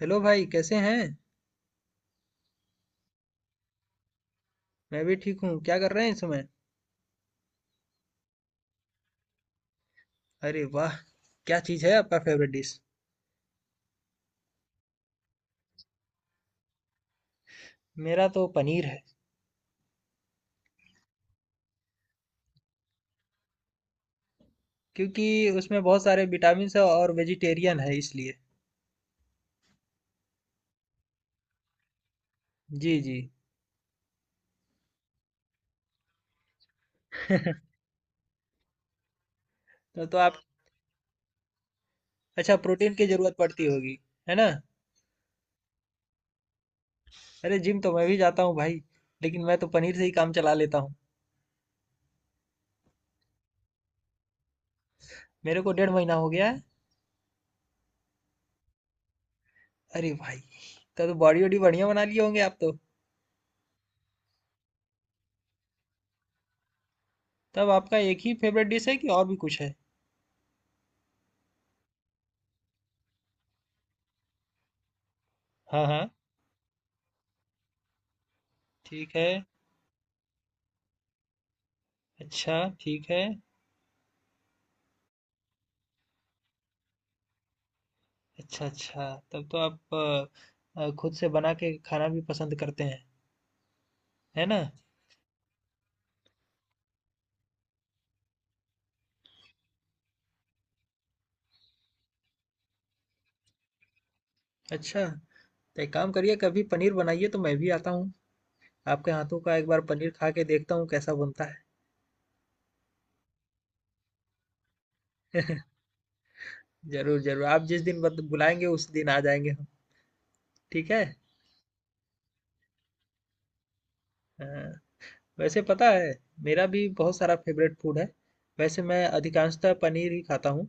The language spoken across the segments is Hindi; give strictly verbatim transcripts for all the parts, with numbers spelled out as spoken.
हेलो भाई, कैसे हैं? मैं भी ठीक हूँ। क्या कर रहे हैं इस समय? अरे वाह। क्या चीज़ है आपका फेवरेट डिश? मेरा तो पनीर है। क्योंकि उसमें बहुत सारे विटामिन है और वेजिटेरियन है इसलिए। जी जी। तो, तो आप... अच्छा, प्रोटीन की ज़रूरत पड़ती होगी, है ना? अरे जिम तो मैं भी जाता हूँ भाई, लेकिन मैं तो पनीर से ही काम चला लेता हूँ। मेरे को डेढ़ महीना हो गया है। अरे भाई, तब तो बॉडी वॉडी बढ़िया बना लिए होंगे आप तो। तब आपका एक ही फेवरेट डिश है कि और भी कुछ है? हाँ हाँ। ठीक है। अच्छा, ठीक है। अच्छा, अच्छा। तब तो आप अ, अ, खुद से बना के खाना भी पसंद करते हैं, है ना? अच्छा, तो एक काम करिए, कभी पनीर बनाइए तो मैं भी आता हूँ। आपके हाथों का एक बार पनीर खा के देखता हूँ कैसा बनता है। ज़रूर, ज़रूर। आप जिस दिन बत बुलाएँगे उस दिन आ जाएँगे हम। ठीक है? हाँ। वैसे पता है, मेरा भी बहुत सारा फ़ेवरेट फ़ूड है। वैसे मैं अधिकांशतः पनीर ही खाता हूँ,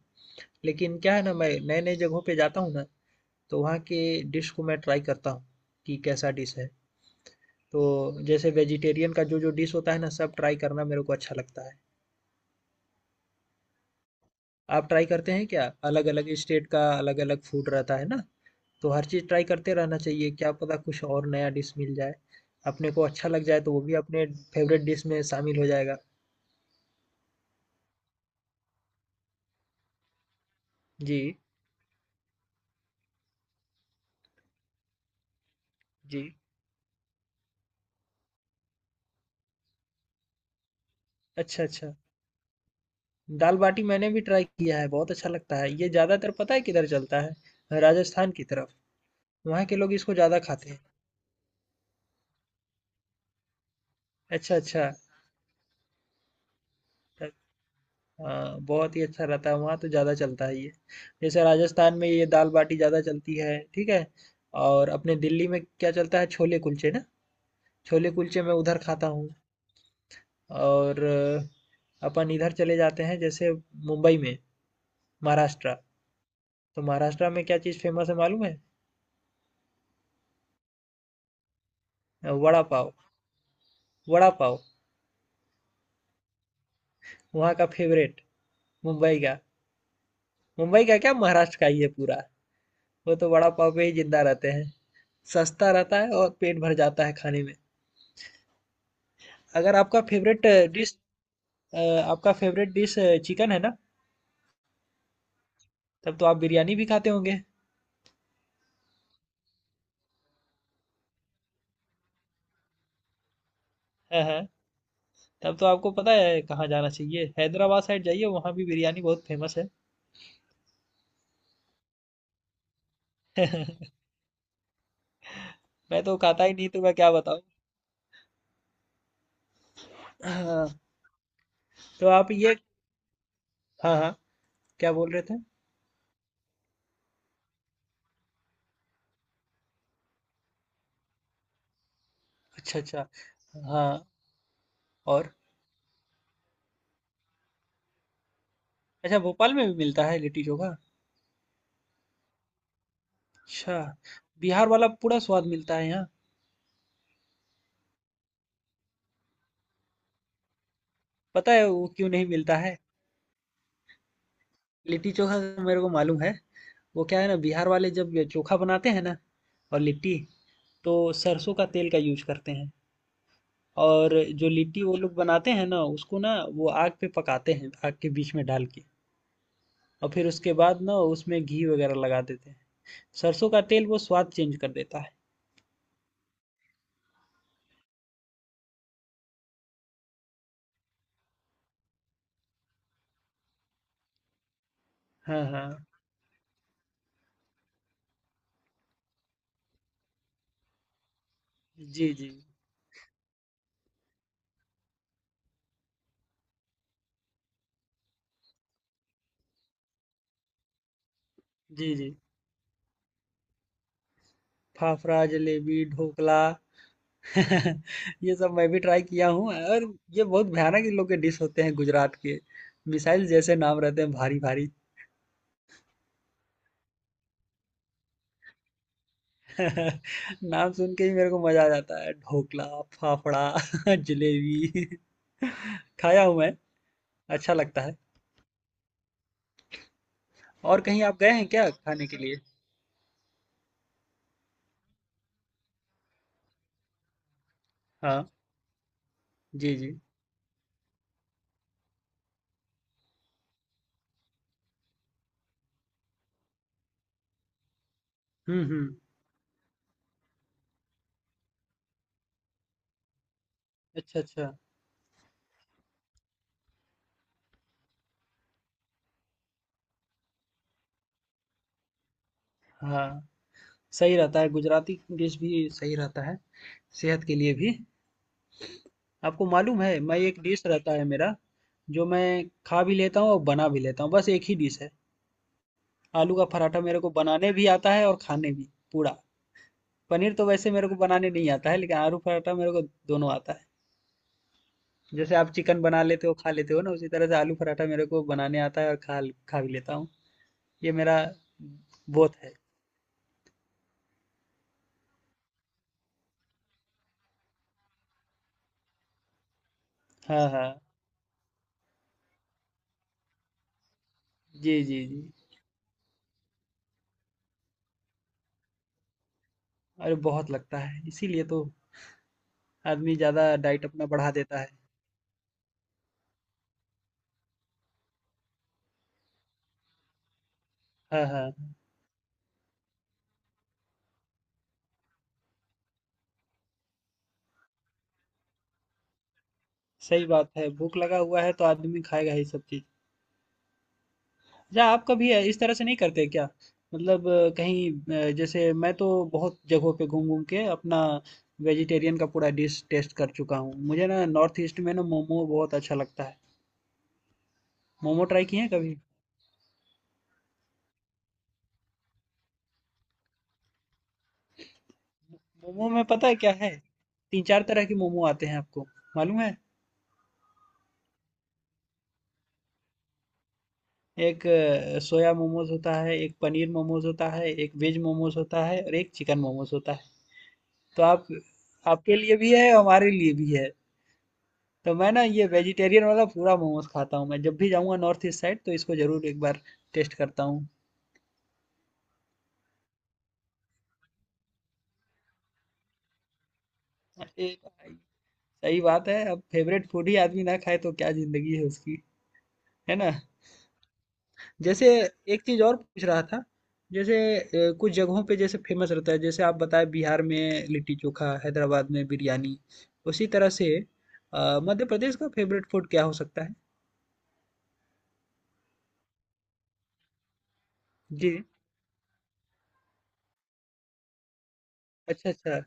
लेकिन क्या है ना, मैं नए-नए जगहों पे जाता हूँ ना, तो वहाँ के डिश को मैं ट्राई करता हूँ, कि कैसा डिश है। तो जैसे वेजिटेरियन का जो जो डिश होता है ना, सब ट्राई करना मेरे को अच्छा लगता है। आप ट्राई करते हैं क्या? अलग अलग स्टेट का अलग अलग फूड रहता है ना, तो हर चीज़ ट्राई करते रहना चाहिए, क्या पता कुछ और नया डिश मिल जाए, अपने को अच्छा लग जाए तो वो भी अपने फेवरेट डिश में शामिल हो जाएगा। जी जी। अच्छा अच्छा। दाल बाटी मैंने भी ट्राई किया है, बहुत अच्छा लगता है ये। ज़्यादातर पता है किधर चलता है? राजस्थान की तरफ। वहाँ के लोग इसको ज़्यादा खाते हैं। अच्छा अच्छा। हाँ, बहुत ही अच्छा रहता है वहाँ, तो ज़्यादा चलता है ये। जैसे राजस्थान में ये दाल बाटी ज़्यादा चलती है, ठीक है? और अपने दिल्ली में क्या चलता है? छोले कुलचे ना। छोले कुलचे मैं उधर खाता हूँ। और अ, अपन इधर चले जाते हैं जैसे, मुंबई में, महाराष्ट्र। तो महाराष्ट्र में क्या चीज़ फेमस है मालूम है? अ, वड़ा पाव। वड़ा पाव। वहाँ का फेवरेट, मुंबई का। मुंबई का क्या, महाराष्ट्र का ही है पूरा। वो तो वड़ा पाव पे ही जिंदा रहते हैं। सस्ता रहता है और पेट भर जाता है खाने में। अगर आपका फेवरेट डिश, आपका फेवरेट डिश चिकन है ना, तब तो आप बिरयानी भी खाते होंगे। हाँ हाँ। तब तो आपको पता है कहाँ जाना चाहिए, हैदराबाद साइड जाइए, वहाँ भी बिरयानी बहुत फेमस है। मैं तो खाता ही नहीं तो मैं क्या बताऊँ। हाँ। तो आप ये... हाँ हाँ, क्या बोल रहे थे? अच्छा अच्छा। हाँ। और अच्छा, भोपाल में भी मिलता है लिट्टी चोखा? अच्छा, बिहार वाला पूरा स्वाद मिलता है यहाँ? पता है वो क्यों नहीं मिलता है लिट्टी चोखा? मेरे को मालूम है। वो क्या है ना, बिहार वाले जब ये चोखा बनाते हैं ना और लिट्टी, तो सरसों का तेल का यूज करते हैं। और जो लिट्टी वो लोग बनाते हैं ना, उसको ना वो आग पे पकाते हैं, आग के बीच में डाल के, और फिर उसके बाद ना उसमें घी वगैरह लगा देते हैं। सरसों का तेल वो स्वाद चेंज कर देता है। हाँ हाँ। जी जी। जी जी। फाफड़ा जलेबी ढोकला। ये सब मैं भी ट्राई किया हूँ, और ये बहुत भयानक इन लोग के डिश होते हैं गुजरात के। मिसाइल जैसे नाम रहते हैं भारी भारी। नाम सुन के ही मेरे को मजा आ जाता है, ढोकला, फाफड़ा, जलेबी खाया हूं मैं। अच्छा लगता है। और कहीं आप गए हैं क्या खाने के लिए? हाँ। जी जी। हम्म हम्म। अच्छा अच्छा। हाँ, सही रहता है, गुजराती डिश भी सही रहता है सेहत के लिए भी। आपको मालूम है, मैं एक डिश रहता है मेरा जो मैं खा भी लेता हूँ और बना भी लेता हूँ, बस एक ही डिश है। आलू का पराठा मेरे को बनाने भी आता है और खाने भी पूरा। पनीर तो वैसे मेरे को बनाने नहीं आता है, लेकिन आलू पराठा मेरे को दोनों आता है। जैसे आप चिकन बना लेते हो, खा लेते हो ना, उसी तरह से आलू पराठा मेरे को बनाने आता है और खा खा भी लेता हूँ। ये मेरा बहुत है। हाँ हाँ। जी जी जी। अरे बहुत लगता है, इसीलिए तो आदमी ज़्यादा डाइट अपना बढ़ा देता है। हाँ हाँ। सही बात है, भूख लगा हुआ है तो आदमी खाएगा ही सब चीज़। अच्छा, आप कभी इस तरह से नहीं करते क्या? मतलब अ, कहीं अ, जैसे मैं तो बहुत जगहों पे घूम घूम के अपना वेजिटेरियन का पूरा डिश टेस्ट कर चुका हूँ। मुझे ना नॉर्थ ईस्ट में ना मोमो बहुत अच्छा लगता है। मोमो ट्राई किए हैं कभी? मोमो में पता है क्या है? तीन चार तरह के मोमो आते हैं आपको, मालूम है? एक अ, सोया मोमोज होता है, एक पनीर मोमोज होता है, एक वेज मोमोज होता है और एक चिकन मोमोज होता है। तो आप, आपके लिए भी है और हमारे लिए भी है। तो मैं ना ये वेजिटेरियन वाला पूरा मोमोज खाता हूँ, मैं जब भी जाऊँगा नॉर्थ ईस्ट साइड तो इसको जरूर एक बार टेस्ट करता हूँ। एक, सही बात है, अब फेवरेट फूड ही आदमी ना खाए तो क्या जिंदगी है उसकी। है ना? जैसे, एक चीज और पूछ रहा था, जैसे अ, कुछ जगहों पे जैसे फेमस रहता है, जैसे आप बताए बिहार में लिट्टी चोखा, हैदराबाद में बिरयानी, उसी तरह से अ, मध्य प्रदेश का फेवरेट फूड क्या हो सकता है? जी। अच्छा अच्छा।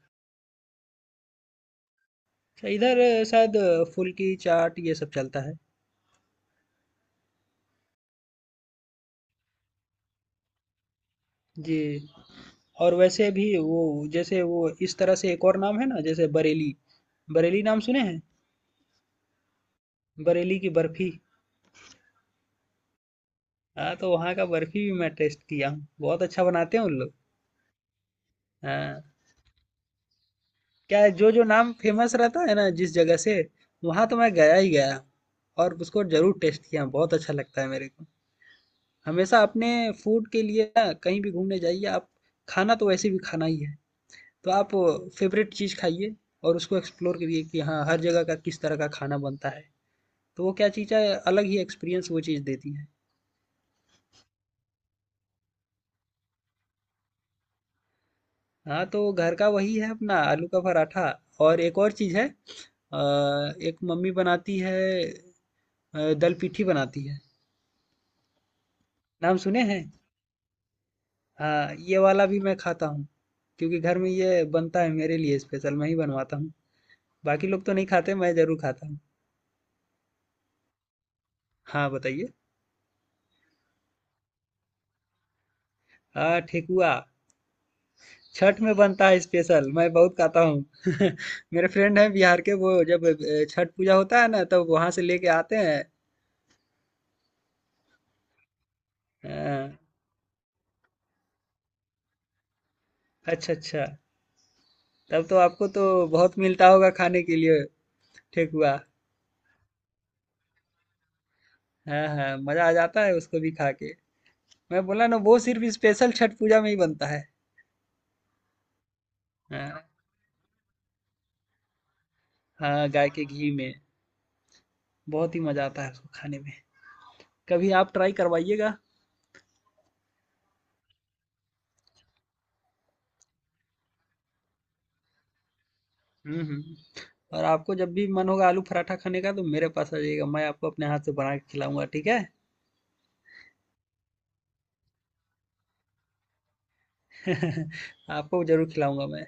अच्छा, इधर अ, शायद अ, फुल्की चाट ये सब चलता है। जी। और वैसे भी वो, जैसे वो इस तरह से एक और नाम है ना, जैसे बरेली, बरेली नाम सुने हैं? बरेली की बर्फी। हाँ, तो वहाँ का बर्फी भी मैं टेस्ट किया हूँ, बहुत अच्छा बनाते हैं उन लोग। हाँ, क्या है, जो जो नाम फेमस रहता है ना जिस जगह से, वहाँ तो मैं गया ही गया और उसको जरूर टेस्ट किया, बहुत अच्छा लगता है मेरे को। हमेशा अपने फूड के लिए ना कहीं भी घूमने जाइए आप, खाना तो वैसे भी खाना ही है, तो आप फेवरेट चीज़ खाइए, और उसको एक्सप्लोर करिए कि हाँ हर जगह का किस तरह का खाना बनता है, तो वो क्या चीज़ है, अलग ही एक्सपीरियंस वो चीज़ देती है। हाँ, तो घर का वही है अपना, आलू का पराठा। और एक और चीज़ है, अ, एक मम्मी बनाती है, अ, दल पिठी बनाती है। नाम सुने हैं? हाँ, ये वाला भी मैं खाता हूँ क्योंकि घर में ये बनता है मेरे लिए स्पेशल, मैं ही बनवाता हूँ। बाकी लोग तो नहीं खाते, मैं जरूर खाता हूँ। हाँ, बताइए। हाँ, ठेकुआ। छठ में बनता है स्पेशल, मैं बहुत खाता हूँ। मेरे फ्रेंड हैं बिहार के, वो जब अ, छठ पूजा होता है ना तब वहां से लेके आते हैं। हाँ। अच्छा अच्छा। तब तो आपको तो बहुत मिलता होगा खाने के लिए, ठेकुआ। हाँ हाँ, मजा आ जाता है उसको भी खा के। मैं बोला ना, वो सिर्फ स्पेशल छठ पूजा में ही बनता है। हाँ। हाँ, गाय के घी में बहुत ही मजा आता है उसको खाने में। कभी आप ट्राई करवाइएगा। हम्म हम्म। और आपको जब भी मन होगा आलू पराठा खाने का तो मेरे पास आ जाइएगा, मैं आपको अपने हाथ से बना के खिलाऊंगा, ठीक है? आपको जरूर खिलाऊंगा मैं।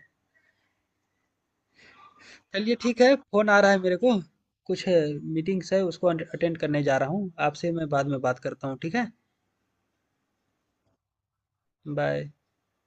चलिए ठीक है, फोन आ रहा है मेरे को, कुछ मीटिंग्स है उसको अटेंड करने जा रहा हूँ, आपसे मैं बाद में बात करता हूँ, ठीक है? बाय।